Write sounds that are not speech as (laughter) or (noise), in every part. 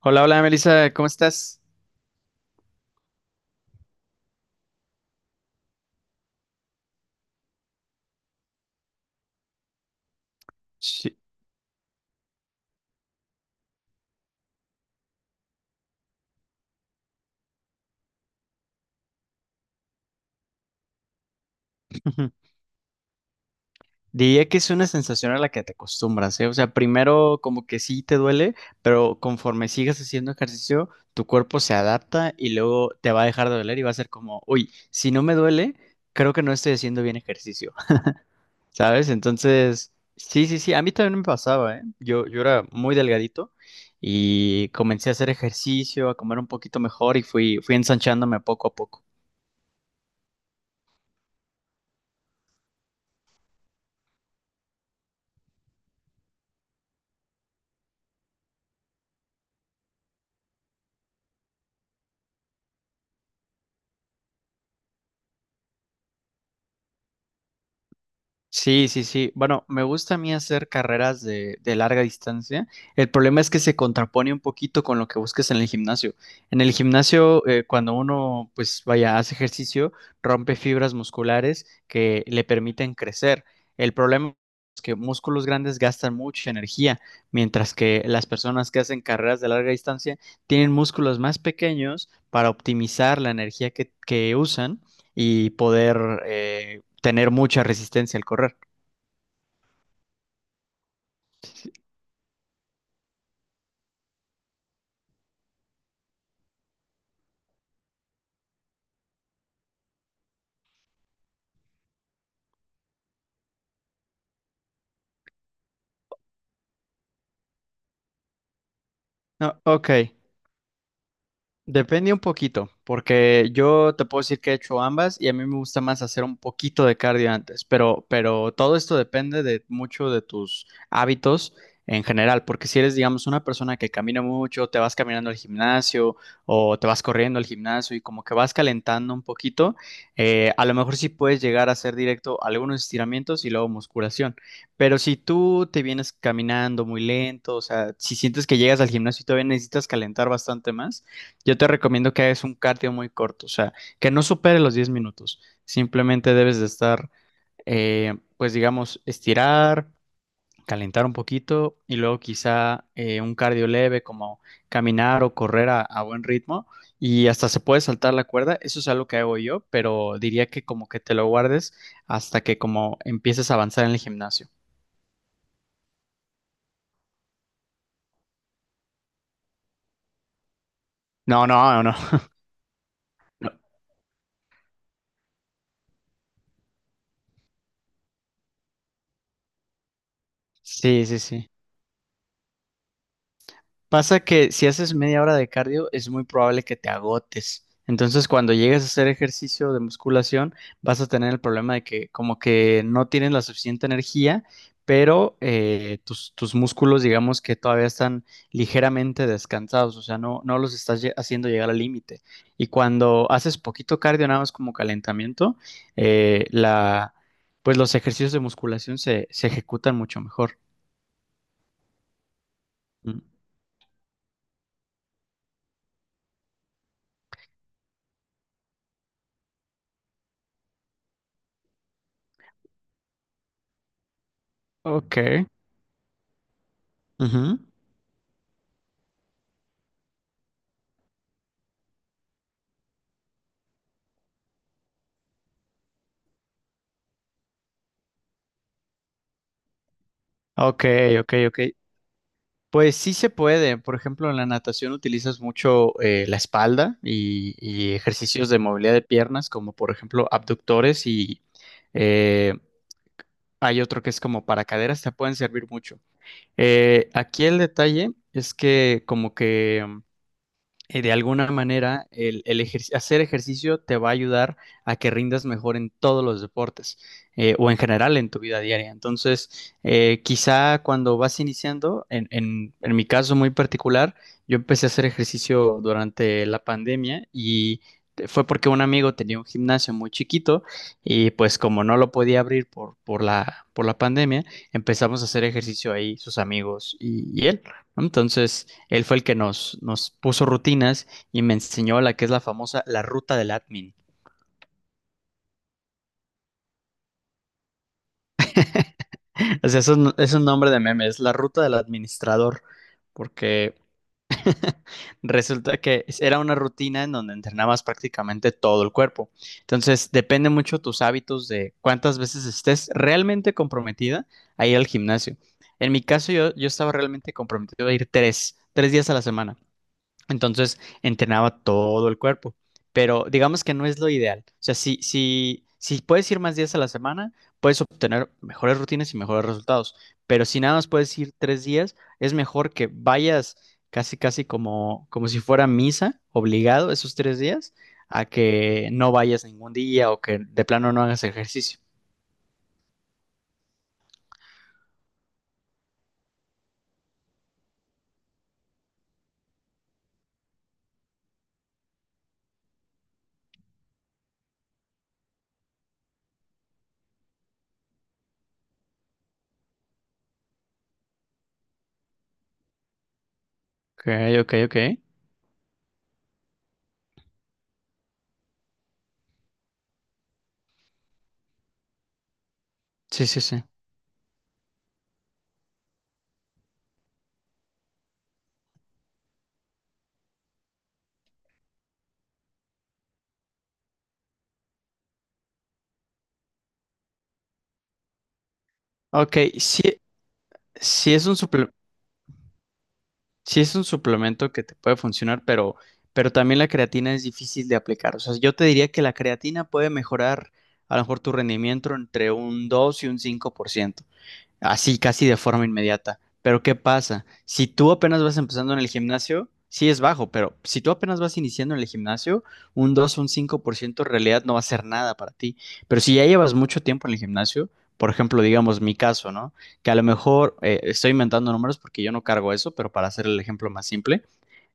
Hola, hola Melissa, ¿cómo estás? Sí. (laughs) Diría que es una sensación a la que te acostumbras, ¿eh? O sea, primero como que sí te duele, pero conforme sigas haciendo ejercicio, tu cuerpo se adapta y luego te va a dejar de doler y va a ser como, uy, si no me duele, creo que no estoy haciendo bien ejercicio. (laughs) ¿Sabes? Entonces, sí, sí, sí, a mí también me pasaba, ¿eh? Yo era muy delgadito y comencé a hacer ejercicio, a comer un poquito mejor y fui ensanchándome poco a poco. Sí, sí, sí. Bueno, me gusta a mí hacer carreras de larga distancia. El problema es que se contrapone un poquito con lo que busques en el gimnasio. En el gimnasio, cuando uno, pues vaya, hace ejercicio, rompe fibras musculares que le permiten crecer. El problema es que músculos grandes gastan mucha energía, mientras que las personas que hacen carreras de larga distancia tienen músculos más pequeños para optimizar la energía que usan y poder, eh, tener mucha resistencia al correr. No, ok. Depende un poquito, porque yo te puedo decir que he hecho ambas y a mí me gusta más hacer un poquito de cardio antes, pero todo esto depende de mucho de tus hábitos en general, porque si eres, digamos, una persona que camina mucho, te vas caminando al gimnasio o te vas corriendo al gimnasio y como que vas calentando un poquito, a lo mejor sí puedes llegar a hacer directo algunos estiramientos y luego musculación, pero si tú te vienes caminando muy lento, o sea, si sientes que llegas al gimnasio y todavía necesitas calentar bastante más, yo te recomiendo que hagas un cardio muy corto, o sea, que no supere los 10 minutos. Simplemente debes de estar, pues digamos, estirar, calentar un poquito y luego quizá un cardio leve como caminar o correr a buen ritmo y hasta se puede saltar la cuerda. Eso es algo que hago yo, pero diría que como que te lo guardes hasta que como empieces a avanzar en el gimnasio. No, no, no, no. (laughs) Sí, sí, sí. Pasa que si haces media hora de cardio es muy probable que te agotes. Entonces, cuando llegues a hacer ejercicio de musculación, vas a tener el problema de que como que no tienes la suficiente energía, pero tus músculos, digamos que todavía están ligeramente descansados, o sea, no los estás haciendo llegar al límite. Y cuando haces poquito cardio, nada más como calentamiento, eh, la, pues los ejercicios de musculación se ejecutan mucho mejor. Mm. Ok. Ujú. Ok, ok, ok. Pues sí se puede. Por ejemplo, en la natación utilizas mucho la espalda y ejercicios de movilidad de piernas, como por ejemplo abductores y eh, hay otro que es como para caderas, te pueden servir mucho. Aquí el detalle es que como que de alguna manera, hacer ejercicio te va a ayudar a que rindas mejor en todos los deportes, o en general en tu vida diaria. Entonces, quizá cuando vas iniciando, en mi caso muy particular, yo empecé a hacer ejercicio durante la pandemia y fue porque un amigo tenía un gimnasio muy chiquito y pues como no lo podía abrir por la pandemia, empezamos a hacer ejercicio ahí sus amigos y él. ¿No? Entonces, él fue el que nos puso rutinas y me enseñó la que es la famosa la ruta del admin. (laughs) O sea, eso es un nombre de meme, es la ruta del administrador, porque (laughs) resulta que era una rutina en donde entrenabas prácticamente todo el cuerpo. Entonces, depende mucho tus hábitos de cuántas veces estés realmente comprometida a ir al gimnasio. En mi caso, yo estaba realmente comprometido a ir tres días a la semana. Entonces entrenaba todo el cuerpo, pero digamos que no es lo ideal. O sea, si puedes ir más días a la semana, puedes obtener mejores rutinas y mejores resultados, pero si nada más puedes ir 3 días, es mejor que vayas casi, casi como si fuera misa, obligado esos 3 días, a que no vayas ningún día o que de plano no hagas ejercicio. Ok, ok, ok. Sí, sí, sí. Ok, sí, sí es un suplemento. Sí, es un suplemento que te puede funcionar, pero también la creatina es difícil de aplicar. O sea, yo te diría que la creatina puede mejorar a lo mejor tu rendimiento entre un 2 y un 5% así casi de forma inmediata. Pero ¿qué pasa? Si tú apenas vas empezando en el gimnasio, sí es bajo, pero si tú apenas vas iniciando en el gimnasio, un 2 un 5% en realidad no va a ser nada para ti. Pero si ya llevas mucho tiempo en el gimnasio, por ejemplo, digamos mi caso, ¿no? Que a lo mejor estoy inventando números porque yo no cargo eso, pero para hacer el ejemplo más simple,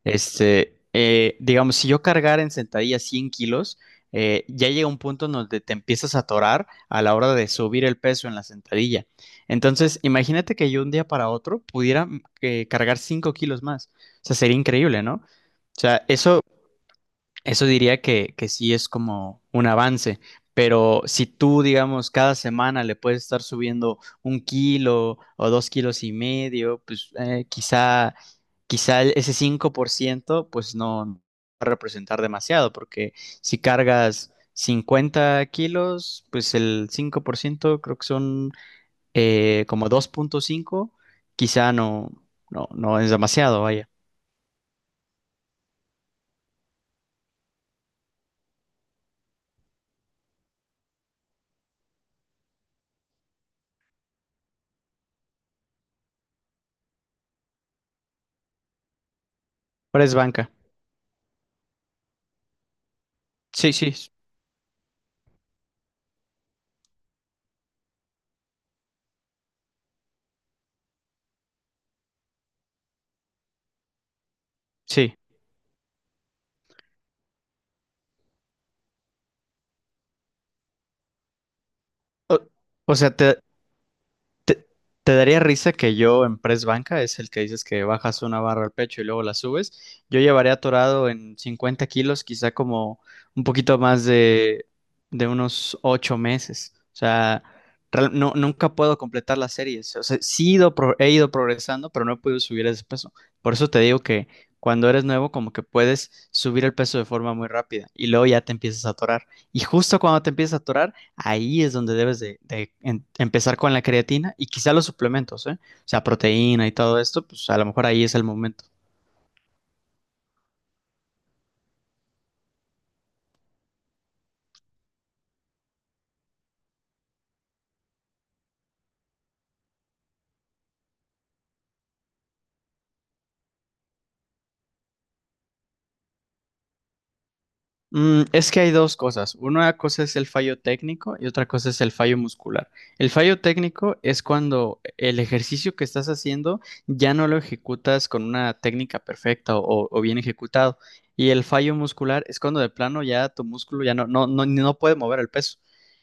digamos, si yo cargara en sentadilla 100 kilos, ya llega un punto en donde te empiezas a atorar a la hora de subir el peso en la sentadilla. Entonces, imagínate que yo un día para otro pudiera cargar 5 kilos más. O sea, sería increíble, ¿no? O sea, eso diría que sí es como un avance, pero si tú, digamos, cada semana le puedes estar subiendo 1 kilo o 2 kilos y medio, pues quizá ese 5% pues no va a representar demasiado, porque si cargas 50 kilos, pues el 5% creo que son como 2,5 quizá no, no, no es demasiado, vaya. Pero es banca. Sí, sí, sí. O, o sea, ¿Te, te daría risa que yo en press banca, es el que dices que bajas una barra al pecho y luego la subes? Yo llevaría atorado en 50 kilos, quizá como un poquito más de unos 8 meses. O sea, no, nunca puedo completar las series. O sea, he ido progresando, pero no he podido subir ese peso. Por eso te digo que cuando eres nuevo, como que puedes subir el peso de forma muy rápida y luego ya te empiezas a atorar. Y justo cuando te empiezas a atorar, ahí es donde debes de empezar con la creatina y quizá los suplementos, ¿eh? O sea, proteína y todo esto, pues a lo mejor ahí es el momento. Es que hay dos cosas. Una cosa es el fallo técnico y otra cosa es el fallo muscular. El fallo técnico es cuando el ejercicio que estás haciendo ya no lo ejecutas con una técnica perfecta o bien ejecutado. Y el fallo muscular es cuando de plano ya tu músculo ya no puede mover el peso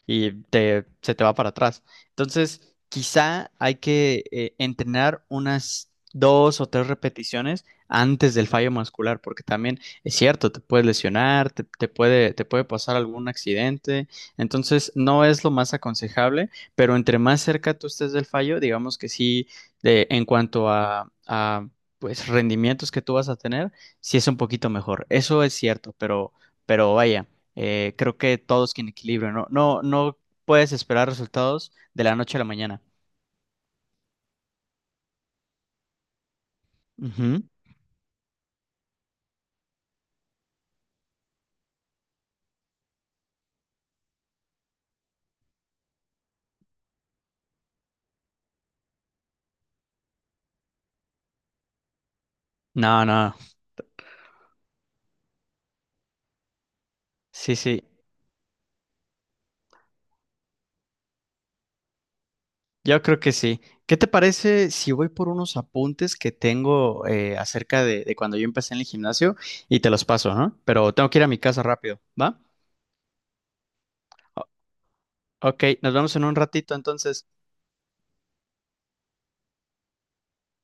y se te va para atrás. Entonces, quizá hay que entrenar unas 2 o 3 repeticiones antes del fallo muscular, porque también es cierto, te puedes lesionar, te puede pasar algún accidente, entonces no es lo más aconsejable, pero entre más cerca tú estés del fallo, digamos que sí, en cuanto a pues rendimientos que tú vas a tener, sí es un poquito mejor. Eso es cierto, pero vaya, creo que todo es que en equilibrio, no puedes esperar resultados de la noche a la mañana. Ujú. No, no, sí, sí. Yo creo que sí. ¿Qué te parece si voy por unos apuntes que tengo acerca de cuando yo empecé en el gimnasio y te los paso, ¿no? Pero tengo que ir a mi casa rápido, ¿va? O- ok, nos vemos en un ratito entonces.